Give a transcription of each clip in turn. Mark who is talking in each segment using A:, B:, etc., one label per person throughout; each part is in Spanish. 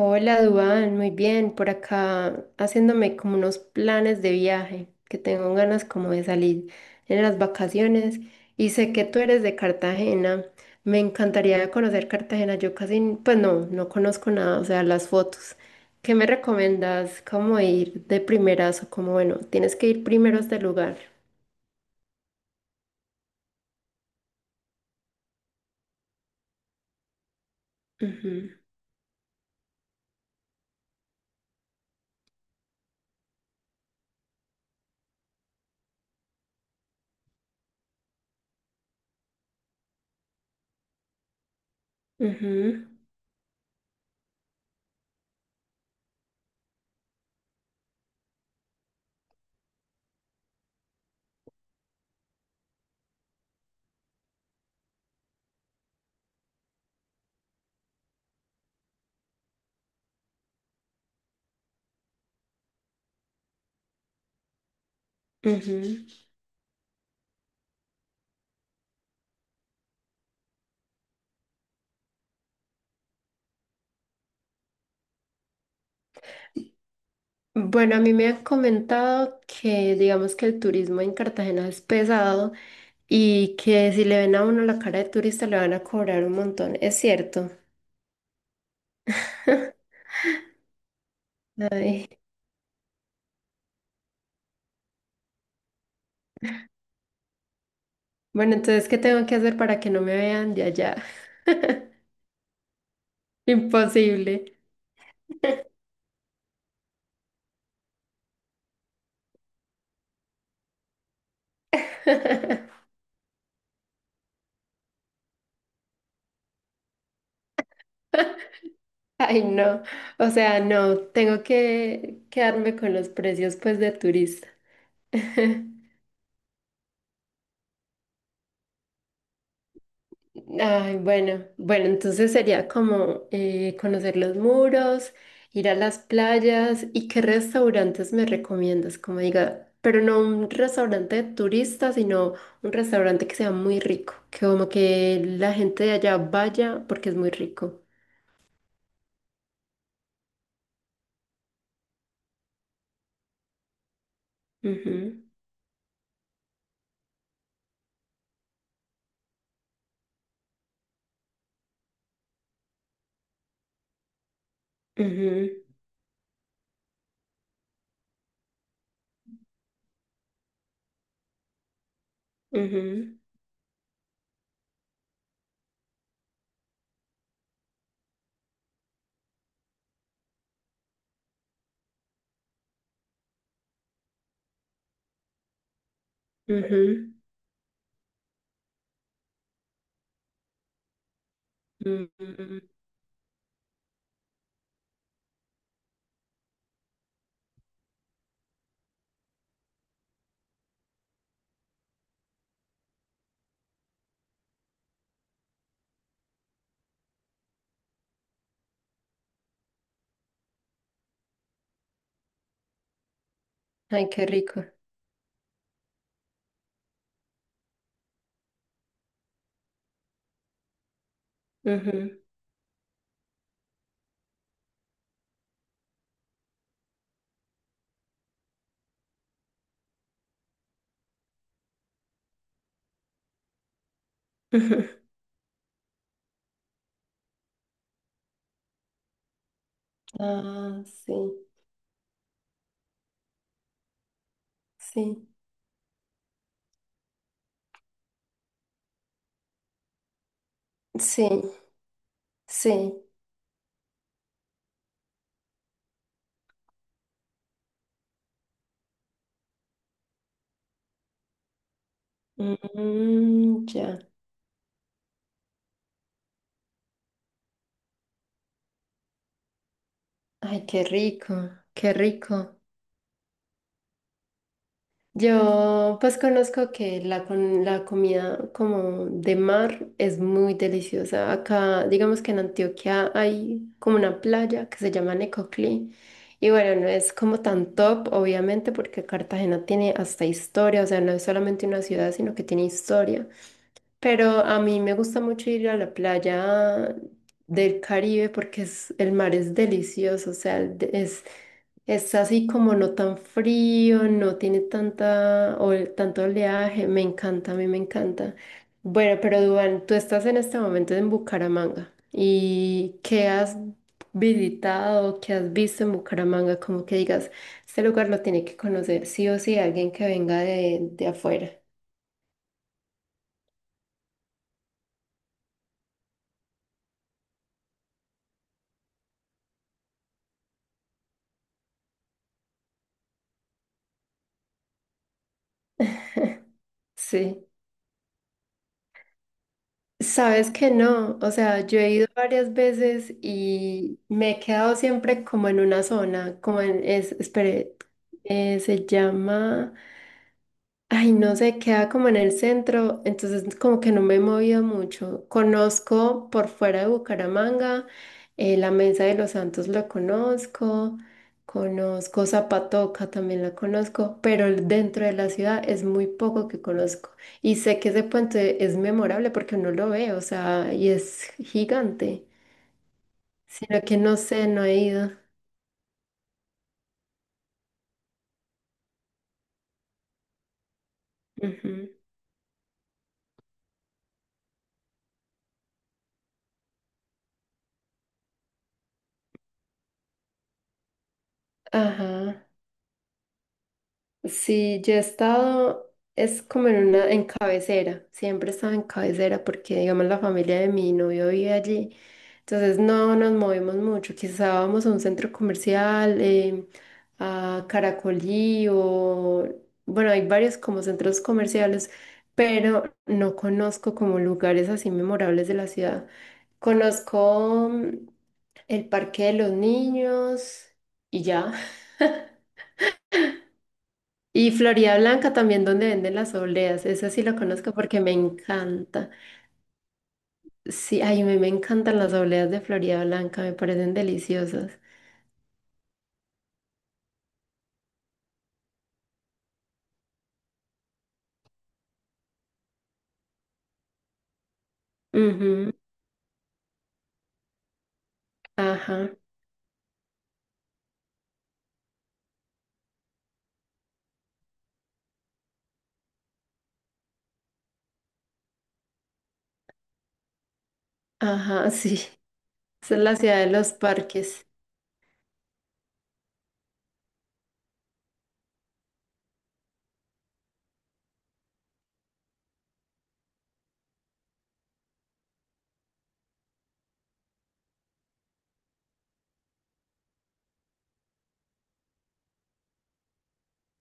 A: Hola, Duván, muy bien. Por acá haciéndome como unos planes de viaje, que tengo ganas como de salir en las vacaciones. Y sé que tú eres de Cartagena. Me encantaría conocer Cartagena. Yo casi, no conozco nada, o sea, las fotos. ¿Qué me recomiendas? ¿Cómo ir de primeras o cómo, bueno, tienes que ir primero a este lugar? Ujú, ujú, ujú. Bueno, a mí me han comentado que digamos que el turismo en Cartagena es pesado. Y que si le ven a uno la cara de turista le van a cobrar un montón. Es cierto. Ay. Bueno, entonces, ¿qué tengo que hacer para que no me vean de allá? Imposible. Ay, no. O sea, no, tengo que quedarme con los precios pues de turista. Ay, bueno, bueno, entonces sería como conocer los muros, ir a las playas y qué restaurantes me recomiendas, como diga, pero no un restaurante de turistas, sino un restaurante que sea muy rico, que como que la gente de allá vaya porque es muy rico. Ujú, ujú, ujú, ujú, ujú, ujú. Ay, qué rico. Ujú, ujú. Ah, sí, sí, sí, sí. Mm, ya. Ay, qué rico, qué rico. Yo pues conozco que la comida como de mar es muy deliciosa. Acá, digamos que en Antioquia hay como una playa que se llama Necoclí. Y bueno, no es como tan top, obviamente, porque Cartagena tiene hasta historia, o sea, no es solamente una ciudad, sino que tiene historia. Pero a mí me gusta mucho ir a la playa del Caribe porque es, el mar es delicioso, o sea, es así como no tan frío, no tiene tanta, o tanto oleaje, me encanta, a mí me encanta. Bueno, pero Duván, tú estás en este momento en Bucaramanga y ¿qué has visitado, qué has visto en Bucaramanga? Como que digas, este lugar lo tiene que conocer sí o sí alguien que venga de afuera. Sí. Sabes que no, o sea, yo he ido varias veces y me he quedado siempre como en una zona, espere, se llama, ay, no sé, queda como en el centro, entonces como que no me he movido mucho. Conozco por fuera de Bucaramanga, la Mesa de los Santos la conozco, conozco Zapatoca también la conozco, pero dentro de la ciudad es muy poco que conozco. Y sé que ese puente es memorable porque uno lo ve, o sea, y es gigante, sino que no sé, no he ido. Ujú. Ajá. Sí, yo he estado, es como en una, en cabecera, siempre estaba en cabecera porque, digamos, la familia de mi novio vive allí, entonces no nos movemos mucho, quizá vamos a un centro comercial, a Caracolí o, bueno, hay varios como centros comerciales, pero no conozco como lugares así memorables de la ciudad. Conozco mm, el Parque de los Niños y ya. Y Florida Blanca también, donde venden las obleas. Esa sí la conozco porque me encanta. Sí, ay, me encantan las obleas de Florida Blanca, me parecen deliciosas. Ujú, ajá, ajá, sí. Esa es la ciudad de los parques.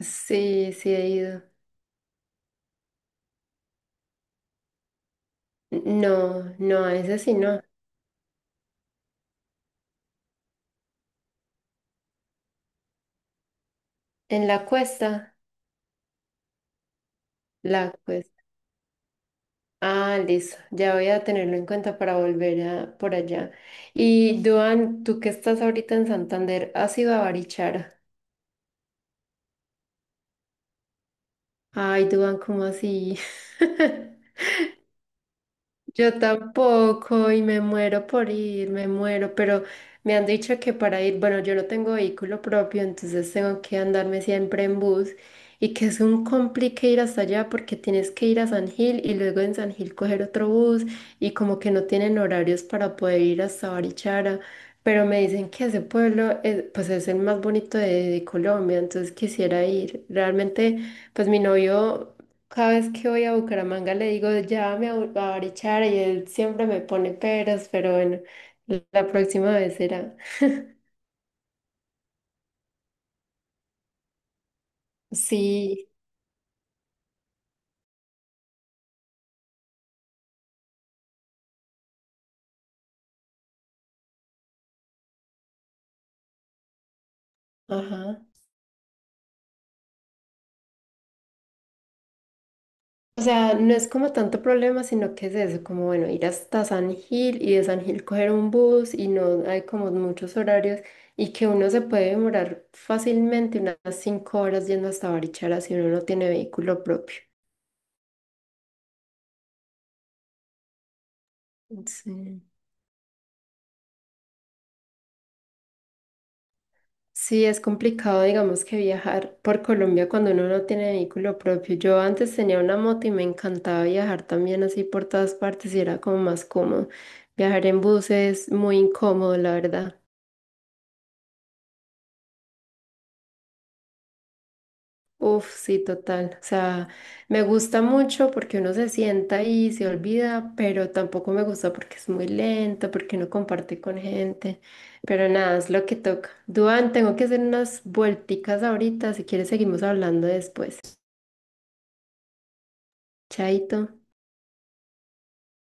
A: Sí, sí he ido. No, no, a esa sí no. En la cuesta, la cuesta. Ah, listo. Ya voy a tenerlo en cuenta para volver a, por allá. Y Duan, tú que estás ahorita en Santander, ¿has ido a Barichara? Ay, Duan, ¿cómo así? Yo tampoco y me muero por ir, me muero, pero me han dicho que para ir, bueno, yo no tengo vehículo propio, entonces tengo que andarme siempre en bus y que es un complique ir hasta allá porque tienes que ir a San Gil y luego en San Gil coger otro bus y como que no tienen horarios para poder ir hasta Barichara, pero me dicen que ese pueblo es, pues es el más bonito de Colombia, entonces quisiera ir. Realmente, pues mi novio... Cada vez que voy a Bucaramanga le digo, llévame a, a Barichara y él siempre me pone peros, pero bueno, la próxima vez será. Sí, ajá. O sea, no es como tanto problema, sino que es eso, como bueno, ir hasta San Gil y de San Gil coger un bus y no hay como muchos horarios y que uno se puede demorar fácilmente unas 5 horas yendo hasta Barichara si uno no tiene vehículo propio. Sí. Sí, es complicado, digamos, que viajar por Colombia cuando uno no tiene vehículo propio. Yo antes tenía una moto y me encantaba viajar también así por todas partes y era como más cómodo. Viajar en bus es muy incómodo, la verdad. Uf, sí, total. O sea, me gusta mucho porque uno se sienta y se olvida, pero tampoco me gusta porque es muy lento, porque no comparte con gente. Pero nada, es lo que toca. Duan, tengo que hacer unas vuelticas ahorita. Si quieres, seguimos hablando después. Chaito.